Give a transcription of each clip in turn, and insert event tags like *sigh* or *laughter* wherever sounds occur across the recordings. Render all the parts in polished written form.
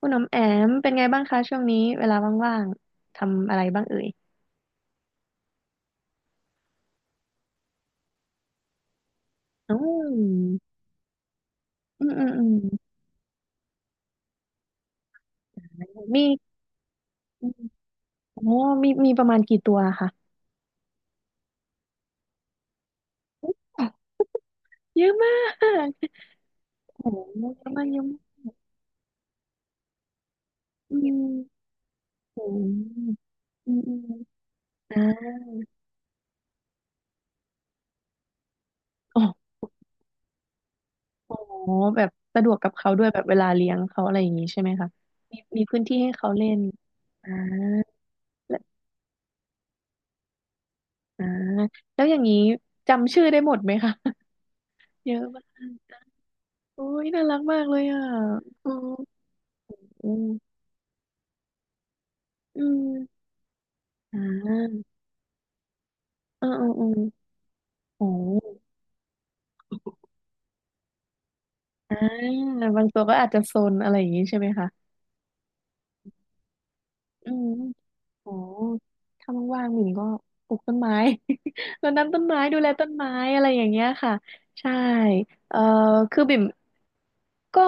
คุณน้ำแอมเป็นไงบ้างคะช่วงนี้เวลาว่างๆทำอะไรบ้างเอ่ยอืมอืมอืมอืมมีอืมโอ้มีมีประมาณกี่ตัวคะอ๋อเยอะมากโอ้เยอะมากเยอะมากอืมโอ้โอืมอืมอ่าออโอ๋แบบสะดวกกับเขาด้วยแบบเวลาเลี้ยงเขาอะไรอย่างนี้ใช่ไหมคะมีมีพื้นที่ให้เขาเล่นอ่าและอ่าแล้วอย่างนี้จำชื่อได้หมดไหมคะ *laughs* เยอะมาก โอ้ยน่ารักมากเลยอ่ะอืมอืมอืมอ่าอืมอืมอืมโอ้อ่าบางตัวก็อาจจะโซนอะไรอย่างงี้ใช่ไหมคะ อืมโอ้ถ้าว่างๆหมิ่นก็ปลูกต้นไม้ *laughs* รดน้ำต้นไม้ดูแลต้นไม้อะไรอย่างเงี้ยค่ะ ใช่ เอ่อคือบิ่ม ก็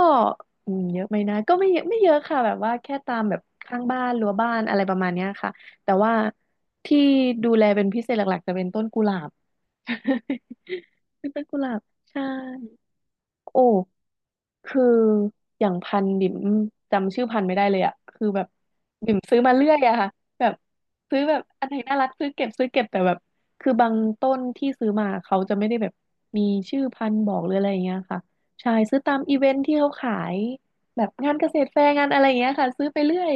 อืมเยอะไหมนะก็ไม่เยอะไม่เยอะค่ะแบบว่าแค่ตามแบบข้างบ้านรั้วบ้านอะไรประมาณเนี้ยค่ะแต่ว่าที่ดูแลเป็นพิเศษหลักๆจะเป็นต้นกุหลาบ *laughs* เป็นต้นกุหลาบใช่ โอ้คืออย่างพันธุ์บิ่มจำชื่อพันธุ์ไม่ได้เลยอะคือแบบบิ่มซื้อมาเรื่อยอะค่ะแบบซื้อแบบอันไหนน่ารักซื้อเก็บซื้อเก็บแต่แบบคือบางต้นที่ซื้อมาเขาจะไม่ได้แบบมีชื่อพันธุ์บอกหรืออะไรอย่างเงี้ยค่ะใช่ซื้อตามอีเวนท์ที่เขาขายแบบงานเกษตรแฟร์งานอะไรอย่างเงี้ยค่ะซื้อไปเรื่อย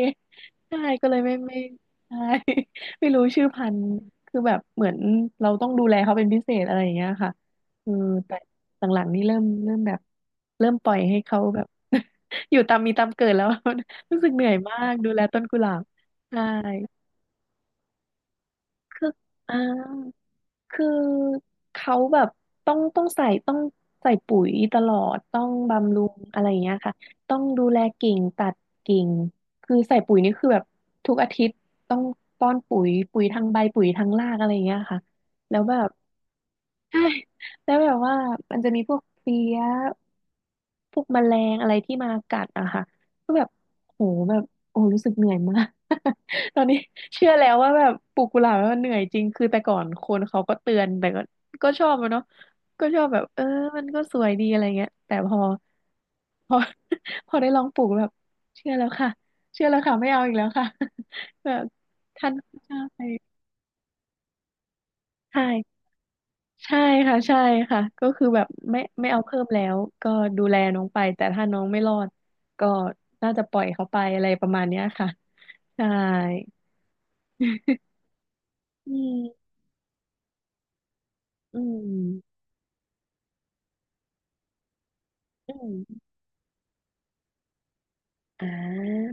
ใช่ก็เลยไม่ไม่ใช่ *laughs* ไม่รู้ชื่อพันธุ์คือแบบเหมือนเราต้องดูแลเขาเป็นพิเศษอะไรอย่างเงี้ยค่ะเออแต่ หลังๆนี่เริ่มเริ่มแบบเริ่มปล่อยให้เขาแบบ *laughs* อยู่ตามมีตามเกิดแล้ว *laughs* รู้สึกเหนื่อยมากดูแลต้นกุหลาบใช่คืออ่าคือเขาแบบต้องต้องใส่ต้องใส่ปุ๋ยตลอดต้องบำรุงอะไรอย่างเงี้ยค่ะต้องดูแลกิ่งตัดกิ่งคือใส่ปุ๋ยนี่คือแบบทุกอาทิตย์ต้องป้อนปุ๋ยปุ๋ยทางใบปุ๋ยทางรากอะไรอย่างเงี้ยค่ะแล้วแบบ ใช่แล้วแบบว่ามันจะมีพวกเพลี้ยพวกแมลงอะไรที่มากัดอะค่ะก็แบบโหแบบโอ้รู้สึกเหนื่อยมาก *laughs* ตอนนี้เชื่อแล้วว่าแบบปลูกกุหลาบแล้วมันเหนื่อยจริงคือแต่ก่อนคนเขาก็เตือนแต่ก็ก็ชอบอะเนาะก็ชอบแบบเออมันก็สวยดีอะไรเงี้ยแต่พอพอ *laughs* พอได้ลองปลูกแล้วแบบเชื่อแล้วค่ะเชื่อแล้วค่ะไม่เอาอีกแล้วค่ะ *laughs* แบบท่านเจ้าไปใช่ ใช่ค่ะใช่ค่ะก็คือแบบไม่ไม่เอาเพิ่มแล้วก็ดูแลน้องไปแต่ถ้าน้องไม่รอดก็น่าจะปล่อยเขาไปอะไรประมาณเนี้ยค่ะใช่ *laughs* อืมอืมอืมอ่า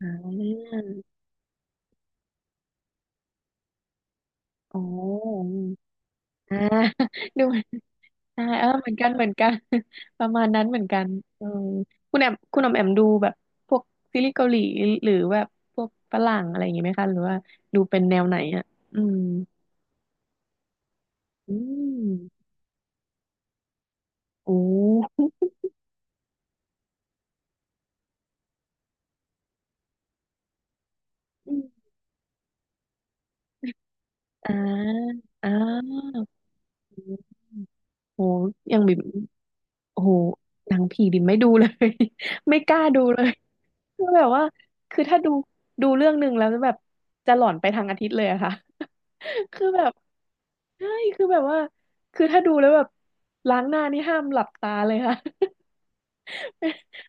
อ่าอ๋ออ่า *laughs* ดูเหมือนอ่าเออเหมือนกันเหมือนกัน *laughs* ประมาณนั้นเหมือนกันเออคุณแอมคุณออมแอมดูแบบพวกซีรีส์เกาหลีหรือแบบพวกฝรั่งอะไรอย่างงี้ไหมคะหรือว่าดูเป็นแนวไหนอ่ะอืม อืมโอ้อ่าอ่าโอ้โหยังบิ่มโอ้โหหนังผีบิ่มไม่ดูเลย *laughs* ไม่กล้าดูเลยคือแบบว่าคือถ้าดูดูเรื่องหนึ่งแล้วแบบจะหลอนไปทางอาทิตย์เลยอะค่ะ *laughs* คือแบบใช่คือแบบว่าคือถ้าดูแล้วแบบล้างหน้านี่ห้ามหลับตาเลยค่ะ *laughs*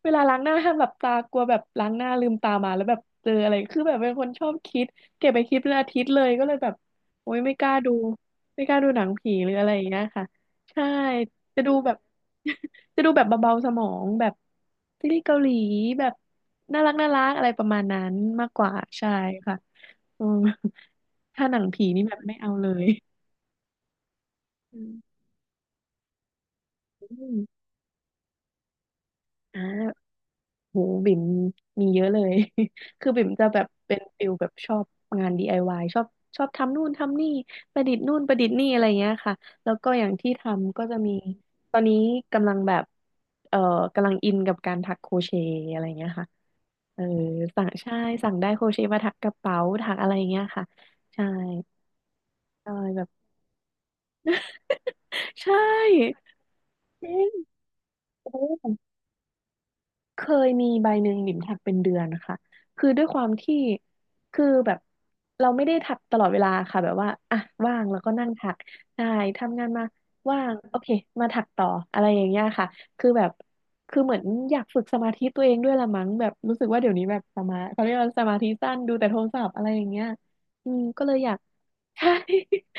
เวลาล้างหน้าห้ามหลับตากลัวแบบล้างหน้าลืมตามาแล้วแบบเจออะไรคือแบบเป็นคนชอบคิดเก็บไปคิดเป็นอาทิตย์เลยก็เลยแบบโอ๊ยไม่กล้าดูไม่กล้าดูหนังผีหรืออะไรอย่างเงี้ยค่ะใช่จะดูแบบ *laughs* จะดูแบบเบาๆสมองแบบซีรีส์เกาหลีแบบน่ารักน่ารักอะไรประมาณนั้นมากกว่าใช่ค่ะอืม *laughs* ถ้าหนังผีนี่แบบไม่เอาเลยอืมอ่า โหบิ่มมีเยอะเลย *laughs* คือบิ่มจะแบบเป็นฟิลแบบชอบงาน DIY ชอบชอบทำนู่นทำนี่ประดิษฐ์นู่นประดิษฐ์นี่อะไรเงี้ยค่ะแล้วก็อย่างที่ทำก็จะมีตอนนี้กำลังแบบเอ่อกำลังอินกับการถักโครเชต์อะไรเงี้ยค่ะเออสั่งใช่สั่งได้โครเชต์มาถักกระเป๋าถักอะไรเงี้ยค่ะใช่ใช่แบบ *laughs* ใช่จริงโอ้ เคยมีใบหนึ่งบิ่มถักเป็นเดือนนะคะคือด้วยความที่คือแบบเราไม่ได้ถักตลอดเวลาค่ะแบบว่าอ่ะว่างแล้วก็นั่งถักใช่ทำงานมาว่างโอเคมาถักต่ออะไรอย่างเงี้ยค่ะคือแบบคือเหมือนอยากฝึกสมาธิตัวเองด้วยละมั้งแบบรู้สึกว่าเดี๋ยวนี้แบบสมาเขาเรียกว่าสมาธิสั้นดูแต่โทรศัพท์อะไรอย่างเงี้ยอืมก็เลยอยาก ใช่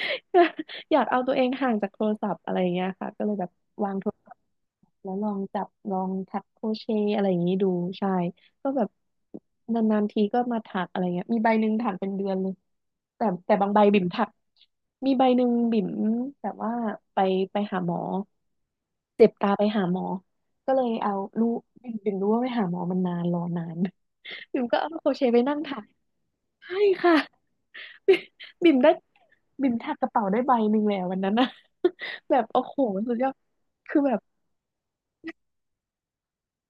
*laughs* อยากเอาตัวเองห่างจากโทรศัพท์อะไรอย่างเงี้ยค่ะก็เลยแบบวางโทรศัพท์แล้วลองจับลองถักโครเชต์อะไรอย่างงี้ดูใช่ก็แบบนานๆทีก็มาถักอะไรเงี้ยมีใบหนึ่งถักเป็นเดือนเลยแต่บางใบบิ่มถักมีใบหนึ่งบิ่มแบบว่าไปไปหาหมอเจ็บตาไปหาหมอก็เลยเอารู้บิ่มบิ่มรู้ว่าไปหาหมอมันนานรอนาน *laughs* บิ่มก็เอาโครเชต์ไปนั่งถักใช่ค่ะ *laughs* บิ่มได้บิ่มแทบกระเป๋าได้ใบหนึ่งแล้ววันนั้นนะ *laughs* แบบโอ้โหสุดยอดคือแบบ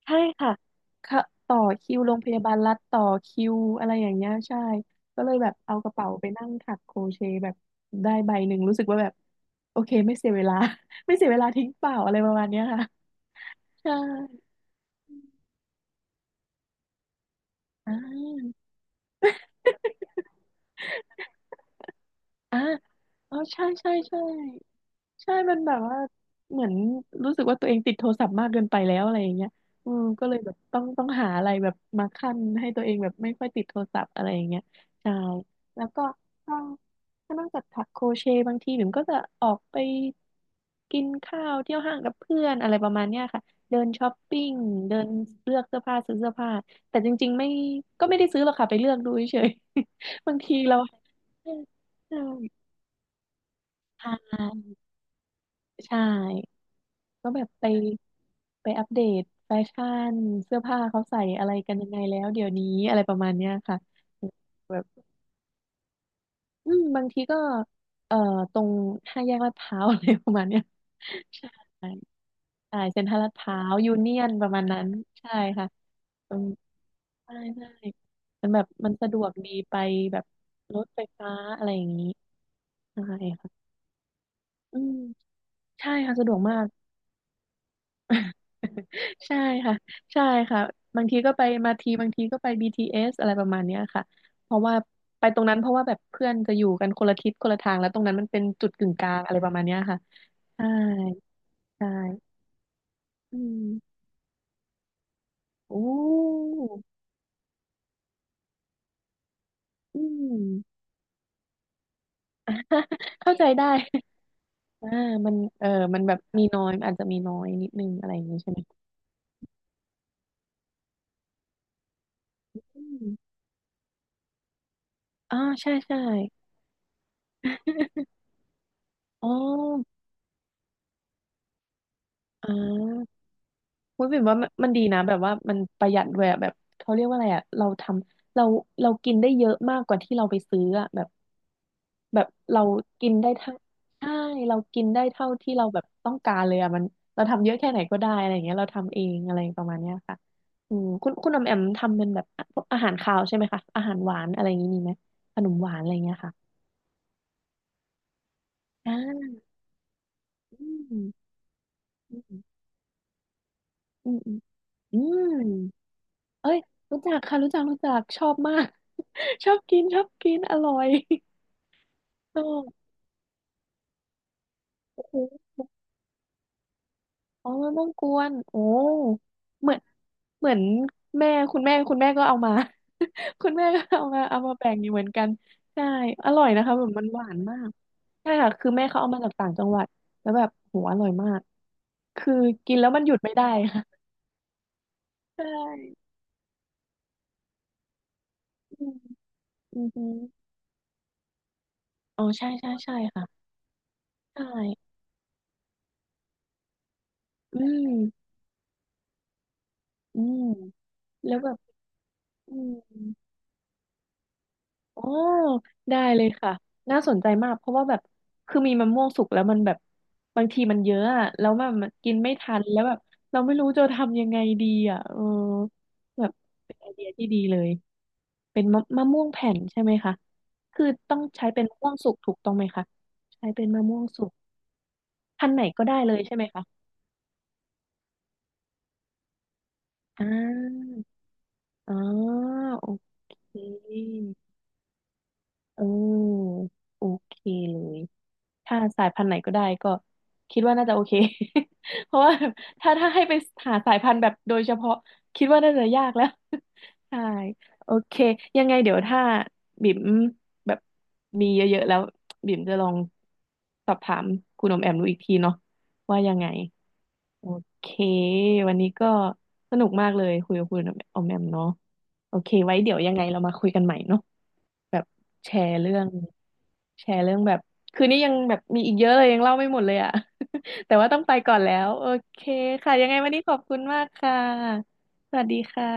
ใช่ค่ะค่ะต่อคิวโรงพยาบาลรัฐต่อคิวอะไรอย่างเงี้ยใช่ก็เลยแบบเอากระเป๋าไปนั่งถักโครเชต์แบบได้ใบหนึ่งรู้สึกว่าแบบโอเคไม่เสียเวลา *laughs* ไม่เสียเวลาทิ้งเปล่าอะไรประมาณเนี้ยค่ะใช่อ่าอ่าอ๋อใช่ใช่ใช่ ใช่มันแบบว่าเหมือนรู้สึกว่าตัวเองติดโทรศัพท์มากเกินไปแล้วอะไรอย่างเงี้ยอืมก็เลยแบบต้องหาอะไรแบบมาคั่นให้ตัวเองแบบไม่ค่อยติดโทรศัพท์อะไรอย่างเงี้ยใช่แล้วก็ถ้าถ้านอกจากถักโครเชต์บางทีหนูก็จะออกไปกินข้าวเที่ยวห้างกับเพื่อนอะไรประมาณเนี้ยค่ะเดินช้อปปิ้งเดินเลือกเสื้อผ้าซื้อเสื้อผ้าแต่จริงๆไม่ก็ไม่ได้ซื้อหรอกค่ะไปเลือกดูเฉยๆ *laughs* บางทีเราใช่ใช่ใช่ ก็แบบไปอัปเดตแฟชั่นเสื้อผ้าเขาใส่อะไรกันยังไงแล้วเดี๋ยวนี้อะไรประมาณเนี้ยค่ะแบบอืมบางทีก็เอ่อตรงห้าแยกลาดพร้าวอะไรประมาณเนี้ย *laughs* ใช่ใช่เซ็นทรัลลาดพร้าวยูเนียนประมาณนั้นใช่ค่ะอืมใช่ใช่มันแบบมันสะดวกดีไปแบบรถไฟฟ้าอะไรอย่างนี้ใช่ค่ะอืมใช่ค่ะสะดวกมาก *laughs* ใช่ค่ะใช่ค่ะบางทีก็ไปมาทีบางทีก็ไป BTS อสอะไรประมาณเนี้ยค่ะเพราะว่าไปตรงนั้นเพราะว่าแบบเพื่อนจะอยู่กันคนละทิศคนละทางแล้วตรงนั้นมันเป็นจุดกึ่งกลางอะไรประมาณเนี้ยค่ะใช่ใช่อืมโอ้อืม *laughs* เข้าใจได้อ่ามันเออมันแบบมีน้อยอาจจะมีน้อยนิดนึงอะไรอย่างนี้ใช่ไหมอืมอ่าใช่ใช่ *laughs* อ๋ออ่า มุ้ยบิ่มว่ามันมันดีนะแบบว่ามันประหยัดด้วยอะแบบเขาเรียกว่าอะไรอะเราทำเราเรากินได้เยอะมากกว่าที่เราไปซื้ออะแบบแบบเรากินได้ทั้งใช่เรากินได้เท่าที่เราแบบต้องการเลยอะมันเราทำเยอะแค่ไหนก็ได้อะไรอย่างเงี้ยเราทำเองอะไรประมาณเนี้ยค่ะอืมคุณคุณอมแอมทำเป็นแบบพวกอาหารคาวใช่ไหมคะอาหารหวานอะไรอย่างงี้มีไหมขนมหวานอะไรอย่างเงี้ยค่ะอ่าอืมอืมอืมอืม เอ้ยรู้จักค่ะรู้จักรู้จักชอบมาก *laughs* ชอบกินชอบกินอร่อย *laughs* เออโอ้โหอ๋อต้องกวนโอ้เหมือนเหมือนแม่คุณแม่คุณแม่ก็เอามา *laughs* คุณแม่ก็เอามาเอามาแบ่งอยู่เหมือนกันใช่อร่อยนะคะแบบมันหวานมากใช่ค่ะคือแม่เขาเอามาจากต่างจังหวัดแล้วแบบโหอร่อยมากคือกินแล้วมันหยุดไม่ได้ค่ะใช่อืมอือหือ๋อใช่ใช่ใช่ค่ะใช่อืมอืมแล้วแบบอืม อ๋อได้เลยค่ะน่าสนใจมากเพราะว่าแบบคือมีมะม่วงสุกแล้วมันแบบบางทีมันเยอะอะแล้วมันมันกินไม่ทันแล้วแบบเราไม่รู้จะทำยังไงดีอ่ะเออแบบเป็นไอเดียที่ดีเลยเป็นมะมะม่วงแผ่นใช่ไหมคะคือต้องใช้เป็นมะม่วงสุกถูกต้องไหมคะใช้เป็นมะม่วงสุกพันธุ์ไหนก็ได้เลยใช่ไหมคะอ่าอ๋อโอเค เออโอเคเลยถ้าสายพันธุ์ไหนก็ได้ก็คิดว่าน่าจะโอเค *laughs* เพราะว่าถ้าให้ไปหาสายพันธุ์แบบโดยเฉพาะคิดว่าน่าจะยากแล้ว *laughs* ใช่โอเคยังไงเดี๋ยวถ้าบิ่มแบบมีเยอะๆแล้วบิ่มจะลองสอบถามคุณอมแอมดูอีกทีเนาะว่ายังไงโอเควันนี้ก็สนุกมากเลยคุยกับคุณอมแอมเนาะโอเคไว้เดี๋ยวยังไงเรามาคุยกันใหม่เนาะ แบบแชร์เรื่องแชร์เรื่องแบบคืนนี้ยังแบบมีอีกเยอะเลยยังเล่าไม่หมดเลยอ่ะ *laughs* แต่ว่าต้องไปก่อนแล้วโอเคค่ะยังไงวันนี้ขอบคุณมากค่ะสวัสดีค่ะ